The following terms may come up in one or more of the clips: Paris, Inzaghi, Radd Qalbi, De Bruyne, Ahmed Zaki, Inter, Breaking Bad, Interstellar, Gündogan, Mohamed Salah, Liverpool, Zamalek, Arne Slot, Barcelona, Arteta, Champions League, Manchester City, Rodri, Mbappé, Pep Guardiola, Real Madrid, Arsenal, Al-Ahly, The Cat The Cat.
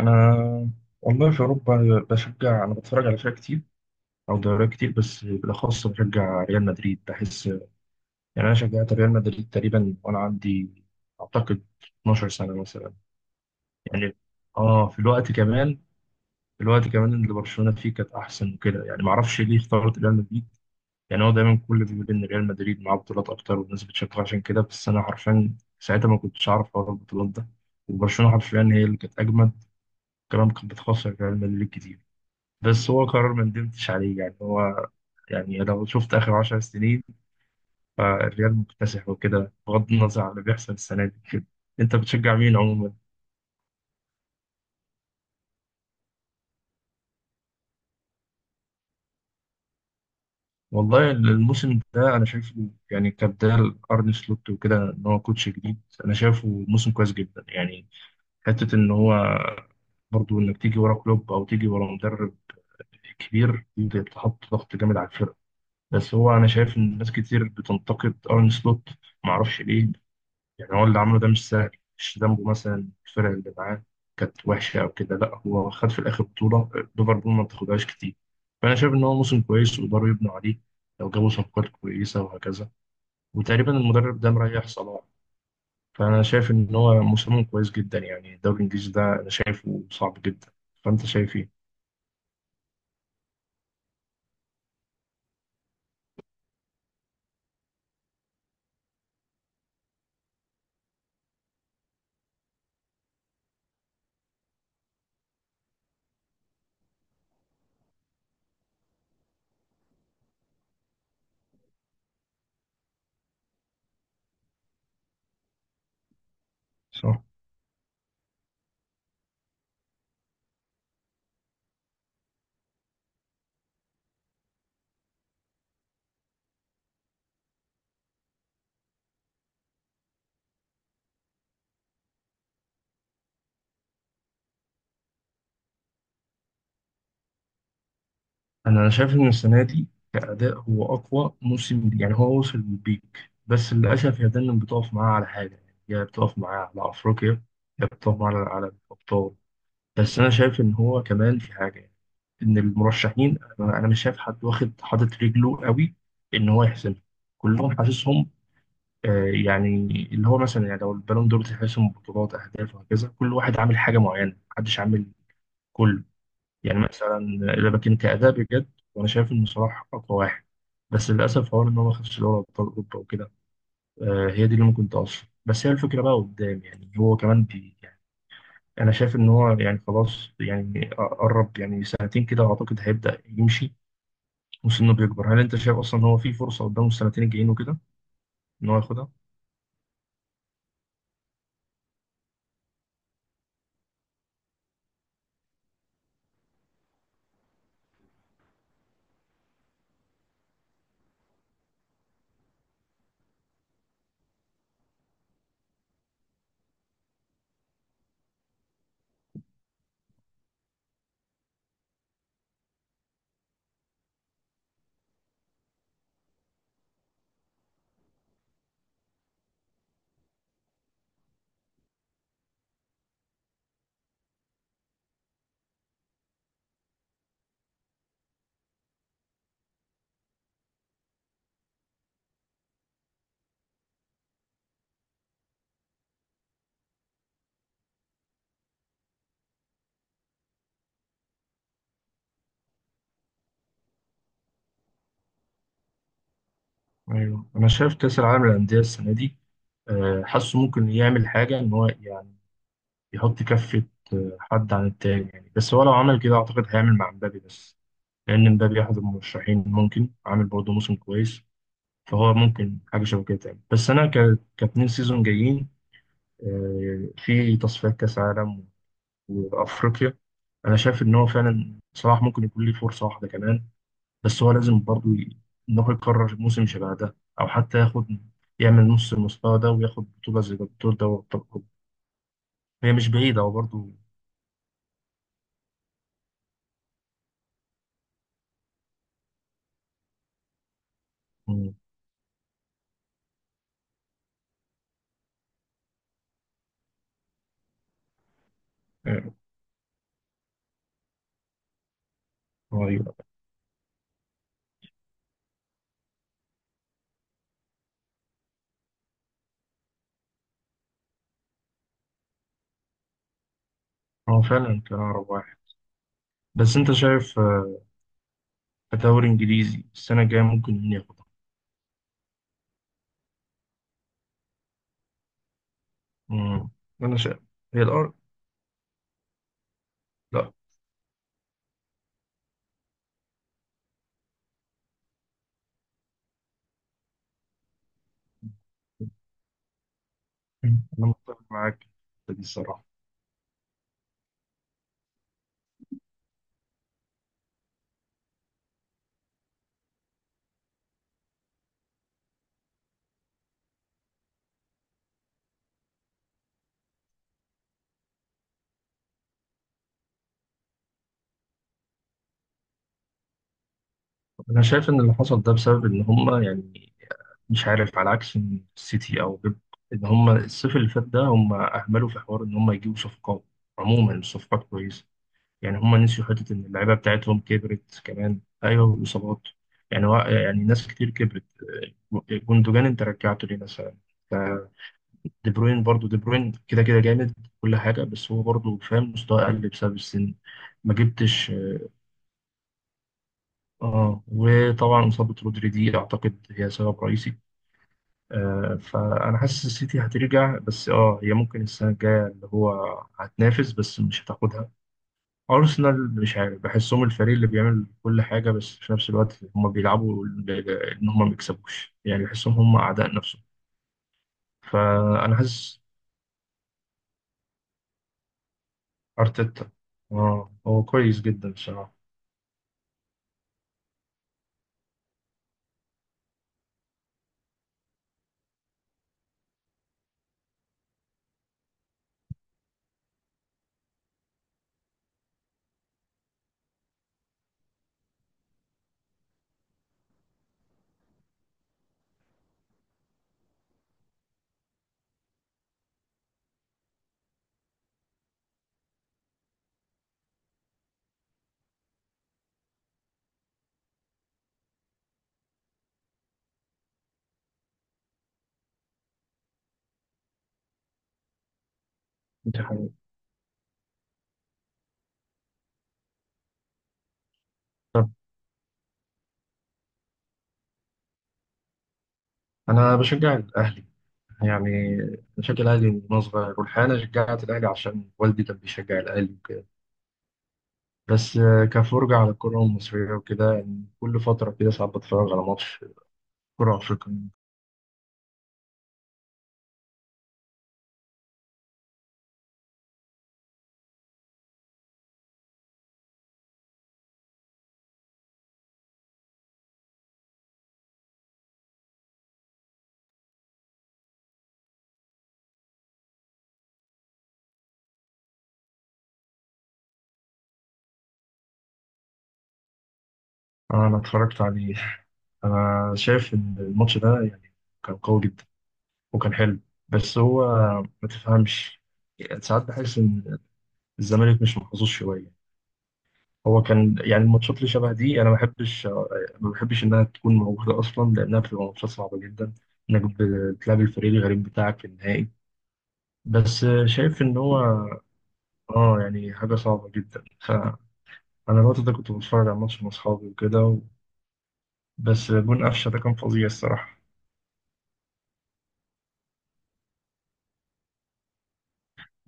انا والله في اوروبا بشجع، انا بتفرج على فرق كتير او دوريات كتير، بس بالاخص بشجع ريال مدريد. بحس يعني انا شجعت ريال مدريد تقريبا وانا عندي اعتقد 12 سنه مثلا يعني. اه في الوقت كمان اللي برشلونه فيه كانت احسن وكده، يعني ما اعرفش ليه اخترت ريال مدريد. يعني هو دايما كل بيقول ان ريال مدريد معاه بطولات اكتر والناس بتشجعه عشان كده، بس انا حرفيا ساعتها ما كنتش اعرف حوار البطولات ده، وبرشلونه حرفيا هي اللي كانت اجمد، كمان كانت بتخسر ريال مدريد كتير. بس هو قرار ما ندمتش عليه يعني، هو يعني لو شفت آخر 10 سنين، فالريال مكتسح وكده بغض النظر عن اللي بيحصل السنة دي كده. أنت بتشجع مين عموما؟ والله الموسم ده أنا شايفه يعني كبداية لأرن سلوت، وكده إن هو كوتش جديد، أنا شايفه موسم كويس جدا يعني. حتة إن هو برضو إنك تيجي ورا كلوب أو تيجي ورا مدرب كبير دي بتحط ضغط جامد على الفرقة. بس هو أنا شايف إن ناس كتير بتنتقد أرن سلوت، معرفش ليه. يعني هو اللي عمله ده مش سهل، مش ذنبه مثلا الفرق اللي معاه كانت وحشة أو كده، لا هو خد في الآخر بطولة، ليفربول ما بتاخدهاش كتير. فأنا شايف إن هو موسم كويس ويقدروا يبنوا عليه لو جابوا صفقات كويسة وهكذا. وتقريبا المدرب ده مريح صلاح. فأنا شايف إن هو موسمهم كويس جدا. يعني الدوري الإنجليزي ده أنا شايفه صعب جدا، فأنت شايف إيه؟ صح؟ انا شايف ان السنه دي كاداء هو اقوى موسم ليه. يعني هو وصل للبيك، بس للاسف هي دايما بتقف معاه على حاجه، يا بتقف معاه على افريقيا يا بتقف معاه على الابطال. بس انا شايف ان هو كمان في حاجه، يعني ان المرشحين انا مش شايف حد واخد حاطط رجله قوي ان هو يحسمها، كلهم حاسسهم يعني، اللي هو مثلا يعني لو البالون دور تحسم بطولات اهداف وهكذا، كل واحد عامل حاجه معينه، محدش عامل كله. يعني مثلا إذا بكين كأداء بجد، وأنا شايف إن صلاح أقوى واحد، بس للأسف حوار إن هو ما خدش دوري أبطال أوروبا وكده. هي دي اللي ممكن تأثر، بس هي الفكرة بقى قدام. يعني هو كمان يعني أنا شايف إن هو يعني خلاص، يعني قرب يعني سنتين كده أعتقد هيبدأ يمشي، وسنه بيكبر. هل أنت شايف أصلا هو في فرصة قدامه السنتين الجايين وكده إن هو ياخدها؟ أيوه أنا شايف كأس العالم للأندية السنة دي، حاسه ممكن يعمل حاجة إن هو يعني يحط كفة حد عن التاني. يعني بس هو لو عمل كده أعتقد هيعمل مع مبابي بس، لأن مبابي أحد المرشحين ممكن عامل برضه موسم كويس، فهو ممكن حاجة شبه كده تعمل. بس أنا كاتنين سيزون جايين، في تصفيات كأس عالم وأفريقيا، أنا شايف إن هو فعلا صلاح ممكن يكون ليه فرصة واحدة كمان. بس هو لازم برضه إن هو يكرر موسم شبه ده، أو حتى ياخد يعمل نص المستوى ده وياخد بطولة زي بطولة دوري أبطال أوروبا، هي مش بعيدة هو برضه. مم، آه، قريب. هو فعلا كان أقرب واحد. بس أنت شايف آه، كدوري إنجليزي السنة الجاية ممكن مين ياخدها؟ مم. أنا شايف هي الأرض. لا. مم. أنا متفق معاك في دي الصراحة. أنا شايف إن اللي حصل ده بسبب إن هما يعني مش عارف، على عكس إن السيتي أو بيب، إن هما الصيف اللي فات ده هما أهملوا في حوار إن هما يجيبوا صفقات. عموما الصفقات كويسة، يعني هم نسيوا حتة إن اللعيبة بتاعتهم كبرت كمان. أيوه، والإصابات. يعني هو يعني ناس كتير كبرت، جوندوجان أنت رجعته ليه مثلا، آه، دي بروين كده كده جامد كل حاجة، بس هو برضه فاهم مستواه قل بسبب السن. ما جبتش. اه، وطبعا إصابة رودري دي أعتقد هي سبب رئيسي. آه فأنا حاسس السيتي هترجع، بس اه هي ممكن السنة الجاية اللي هو هتنافس بس مش هتاخدها. أرسنال مش عارف بحسهم الفريق اللي بيعمل كل حاجة، بس في نفس الوقت هم بيلعبوا إن هم ما بيكسبوش. يعني بحسهم هم أعداء نفسهم، فأنا حاسس. أرتيتا، آه هو كويس جدا بصراحة. دي حقيقة. طب أنا بشجع الأهلي، يعني بشجع الأهلي من وأنا صغير. والحقيقة أنا شجعت الأهلي عشان والدي كان بيشجع الأهلي وكده. بس كفرجة على الكرة المصرية وكده، يعني كل فترة كده ساعات بتفرج على ماتش كرة أفريقية. انا اتفرجت عليه، انا شايف ان الماتش ده يعني كان قوي جدا وكان حلو. بس هو ما تفهمش، يعني ساعات بحس ان الزمالك مش محظوظ شويه. هو كان يعني الماتشات اللي شبه دي انا ما بحبش، انها تكون موجوده اصلا، لانها بتبقى ماتشات صعبه جدا انك بتلعب الفريق الغريب بتاعك في النهائي. بس شايف ان هو اه يعني حاجه صعبه جدا. فانا الوقت ده كنت بتفرج على الماتش مع اصحابي وكده، بس جون قفشه ده كان فظيع الصراحه.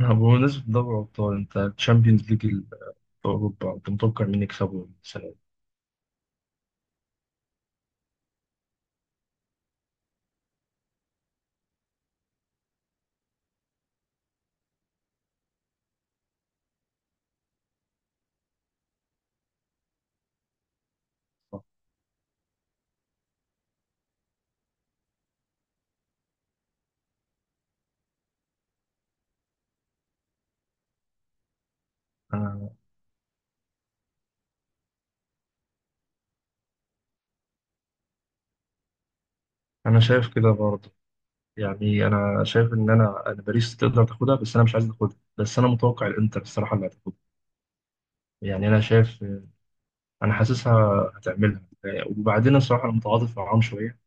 آه، بمناسبة دوري الأبطال، أنت الشامبيونز ليج في أوروبا أنت متوقع مين يكسبه السنة دي؟ صح؟ أنا أنا شايف كده برضه. يعني أنا شايف إن أنا باريس تقدر تاخدها، بس أنا مش عايز تاخدها، بس أنا متوقع الإنتر الصراحة اللي هتاخدها. يعني أنا شايف، أنا حاسسها هتعملها. وبعدين الصراحة أنا متعاطف معاهم شوية،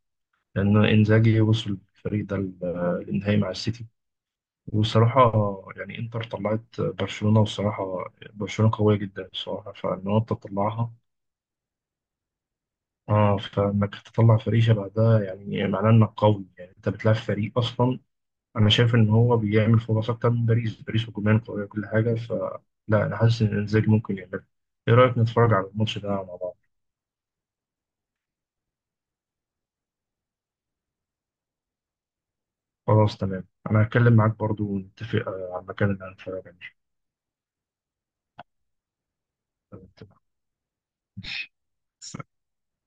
لأن إنزاجي وصل الفريق ده للنهائي مع السيتي، والصراحة يعني إنتر طلعت برشلونة، والصراحة برشلونة قوية جدا الصراحة، فإن هو تطلعها. اه، فانك تطلع فريق شبه ده يعني معناه انك قوي. يعني انت بتلعب فريق اصلا، انا شايف ان هو بيعمل فرص اكتر من باريس. باريس هجوميا قويه وكل حاجه، فلا انا حاسس ان انزاجي ممكن يعملها. ايه رايك نتفرج على الماتش ده مع بعض؟ خلاص تمام، انا هتكلم معاك برضو ونتفق على المكان اللي هنتفرج عليه. تمام.